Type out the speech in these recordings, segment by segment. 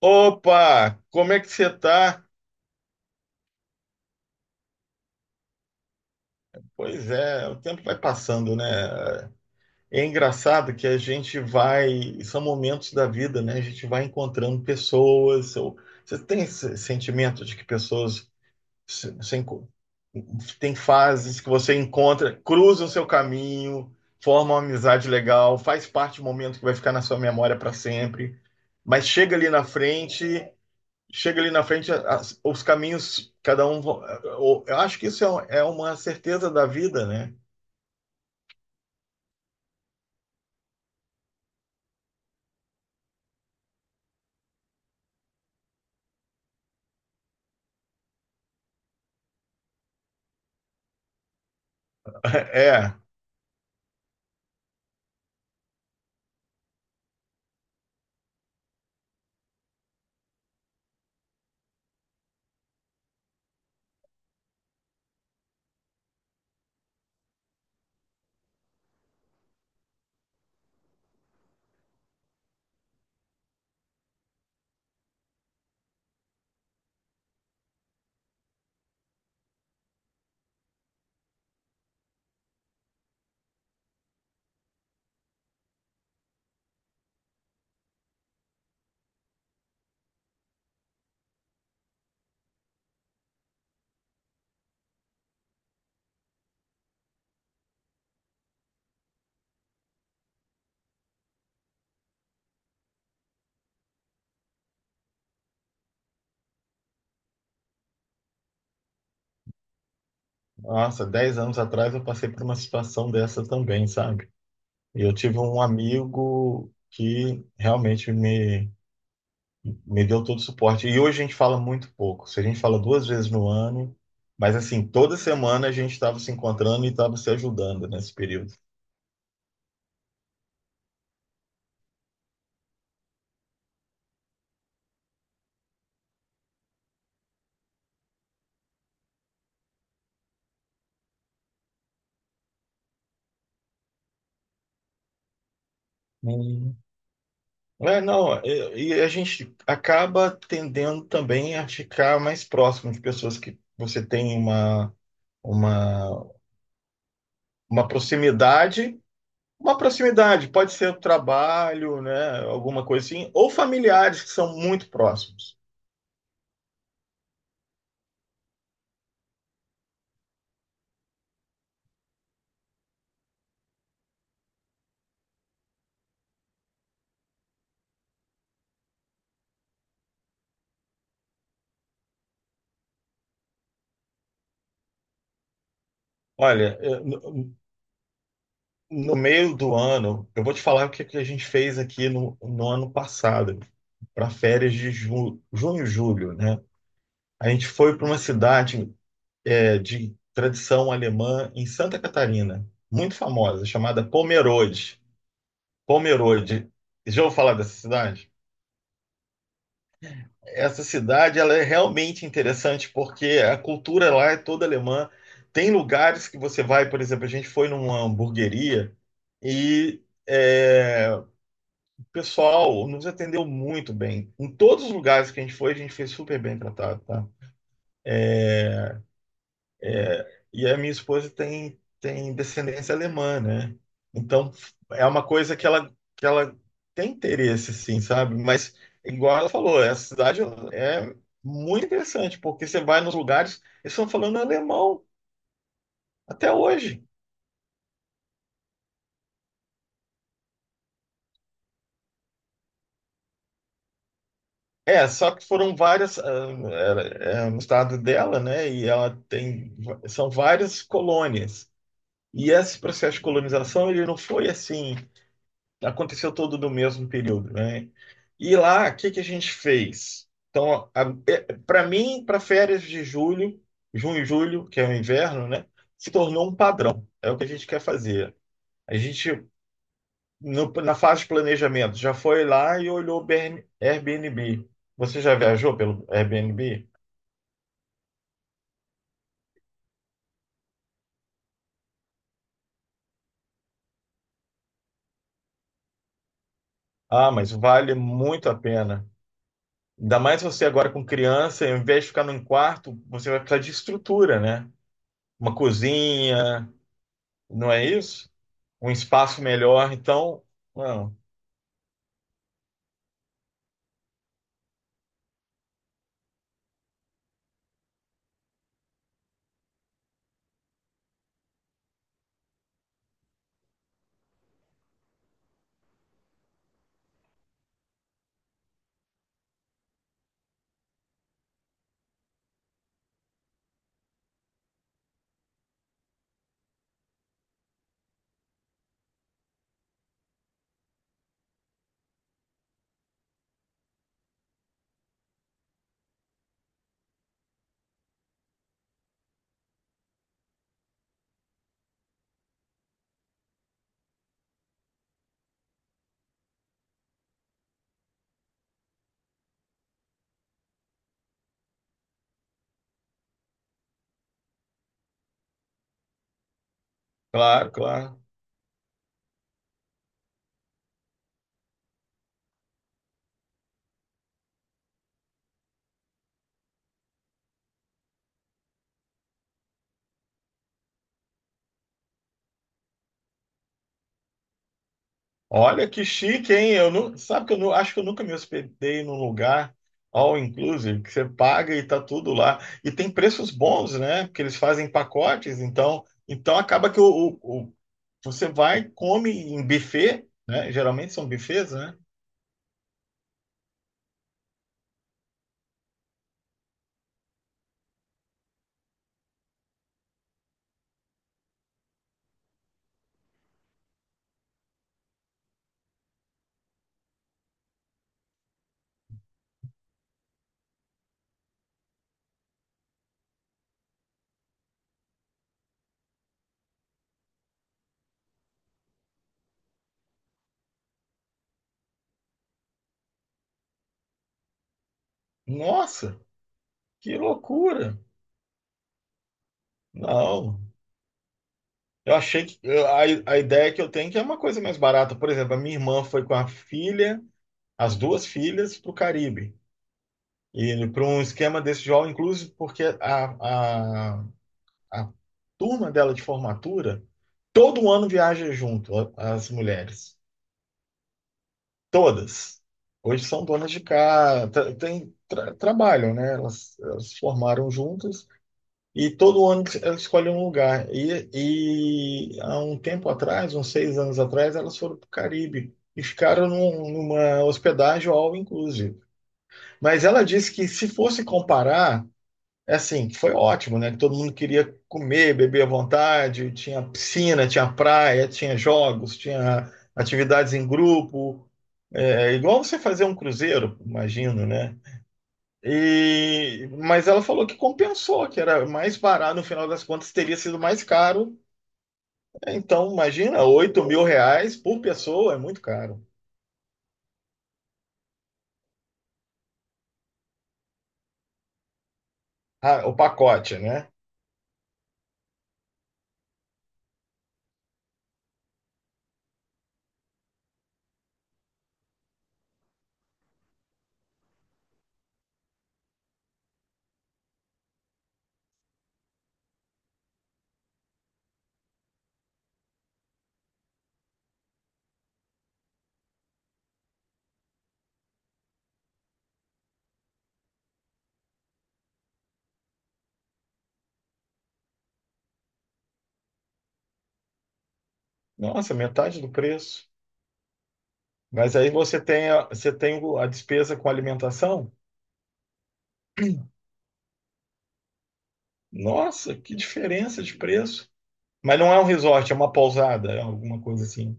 Opa, como é que você tá? Pois é, o tempo vai passando, né? É engraçado que a gente vai, são momentos da vida, né? A gente vai encontrando pessoas. Você tem esse sentimento de que pessoas se- se enco- tem fases que você encontra, cruzam o seu caminho, formam uma amizade legal, faz parte do momento que vai ficar na sua memória para sempre. Mas chega ali na frente Chega ali na frente, os caminhos, cada um. Eu acho que isso é, é uma certeza da vida, né? É, nossa, 10 anos atrás eu passei por uma situação dessa também, sabe? E eu tive um amigo que realmente me deu todo o suporte. E hoje a gente fala muito pouco. Se a gente fala 2 vezes no ano, mas assim, toda semana a gente estava se encontrando e estava se ajudando nesse período. É, não, e a gente acaba tendendo também a ficar mais próximo de pessoas que você tem uma, uma proximidade, pode ser o trabalho, né, alguma coisa assim, ou familiares que são muito próximos. Olha, no meio do ano, eu vou te falar o que, é que a gente fez aqui no ano passado, para férias de junho julho, né? A gente foi para uma cidade de tradição alemã em Santa Catarina, muito famosa, chamada Pomerode. Pomerode. Já ouviu falar dessa cidade? Essa cidade ela é realmente interessante porque a cultura lá é toda alemã. Tem lugares que você vai, por exemplo, a gente foi numa hamburgueria e o pessoal nos atendeu muito bem. Em todos os lugares que a gente foi super bem tratado, tá? E a minha esposa tem descendência alemã, né? Então, é uma coisa que ela tem interesse, sim, sabe? Mas, igual ela falou, essa cidade é muito interessante, porque você vai nos lugares, eles estão falando alemão até hoje. É, só que foram várias, ah, era- é, no estado dela, né? E ela tem, são várias colônias. E esse processo de colonização, ele não foi assim aconteceu todo no mesmo período, né? E lá, o que que a gente fez? Então, para mim, para férias de julho, junho e julho, que é o inverno, né? Se tornou um padrão. É o que a gente quer fazer. A gente, na fase de planejamento, já foi lá e olhou o Airbnb. Você já viajou pelo Airbnb? Ah, mas vale muito a pena. Ainda mais você agora com criança, ao invés de ficar num quarto, você vai precisar de estrutura, né? Uma cozinha, não é isso? Um espaço melhor. Então, não, claro, claro. Olha que chique, hein? Eu não, sabe que eu não, acho que eu nunca me hospedei num lugar all inclusive, que você paga e tá tudo lá. E tem preços bons, né? Porque eles fazem pacotes, então, então acaba que você vai, come em buffet, né? Geralmente são buffets, né? Nossa, que loucura! Não. Eu achei que a, ideia que eu tenho é que é uma coisa mais barata. Por exemplo, a minha irmã foi com a filha. As duas filhas para o Caribe. E para um esquema desse jovem, inclusive porque a, a turma dela de formatura, todo ano viaja junto, as mulheres. Todas. Hoje são donas de casa, trabalham, né? Elas se formaram juntas e todo ano elas escolhem um lugar. E há um tempo atrás, uns 6 anos atrás, elas foram para o Caribe e ficaram numa hospedagem all inclusive. Mas ela disse que se fosse comparar, é assim, foi ótimo, né? Que todo mundo queria comer, beber à vontade, tinha piscina, tinha praia, tinha jogos, tinha atividades em grupo, é, igual você fazer um cruzeiro, imagino, né? E, mas ela falou que compensou, que era mais barato, no final das contas teria sido mais caro. Então, imagina, R$ 8.000 por pessoa é muito caro. Ah, o pacote, né? Nossa, metade do preço. Mas aí você você tem a despesa com alimentação? Nossa, que diferença de preço. Mas não é um resort, é uma pousada, é alguma coisa assim.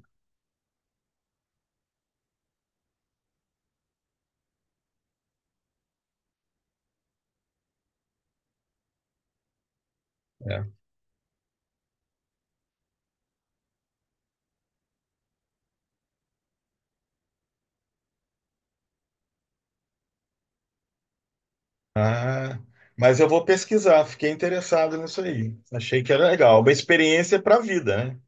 É. Ah, mas eu vou pesquisar, fiquei interessado nisso aí. Achei que era legal. Uma experiência para a vida, né?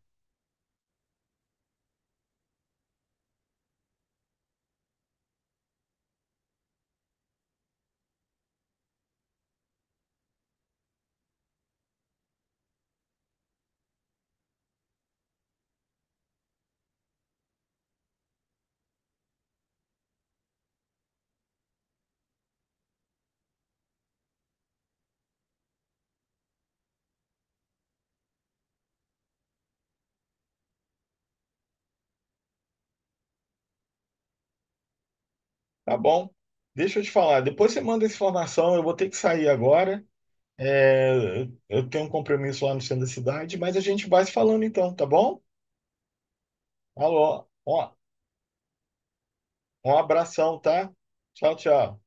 Tá bom. Deixa eu te falar, depois você manda essa informação, eu vou ter que sair agora. É, eu tenho um compromisso lá no centro da cidade, mas a gente vai se falando então, tá bom? Alô, ó, um abração, tá? Tchau, tchau.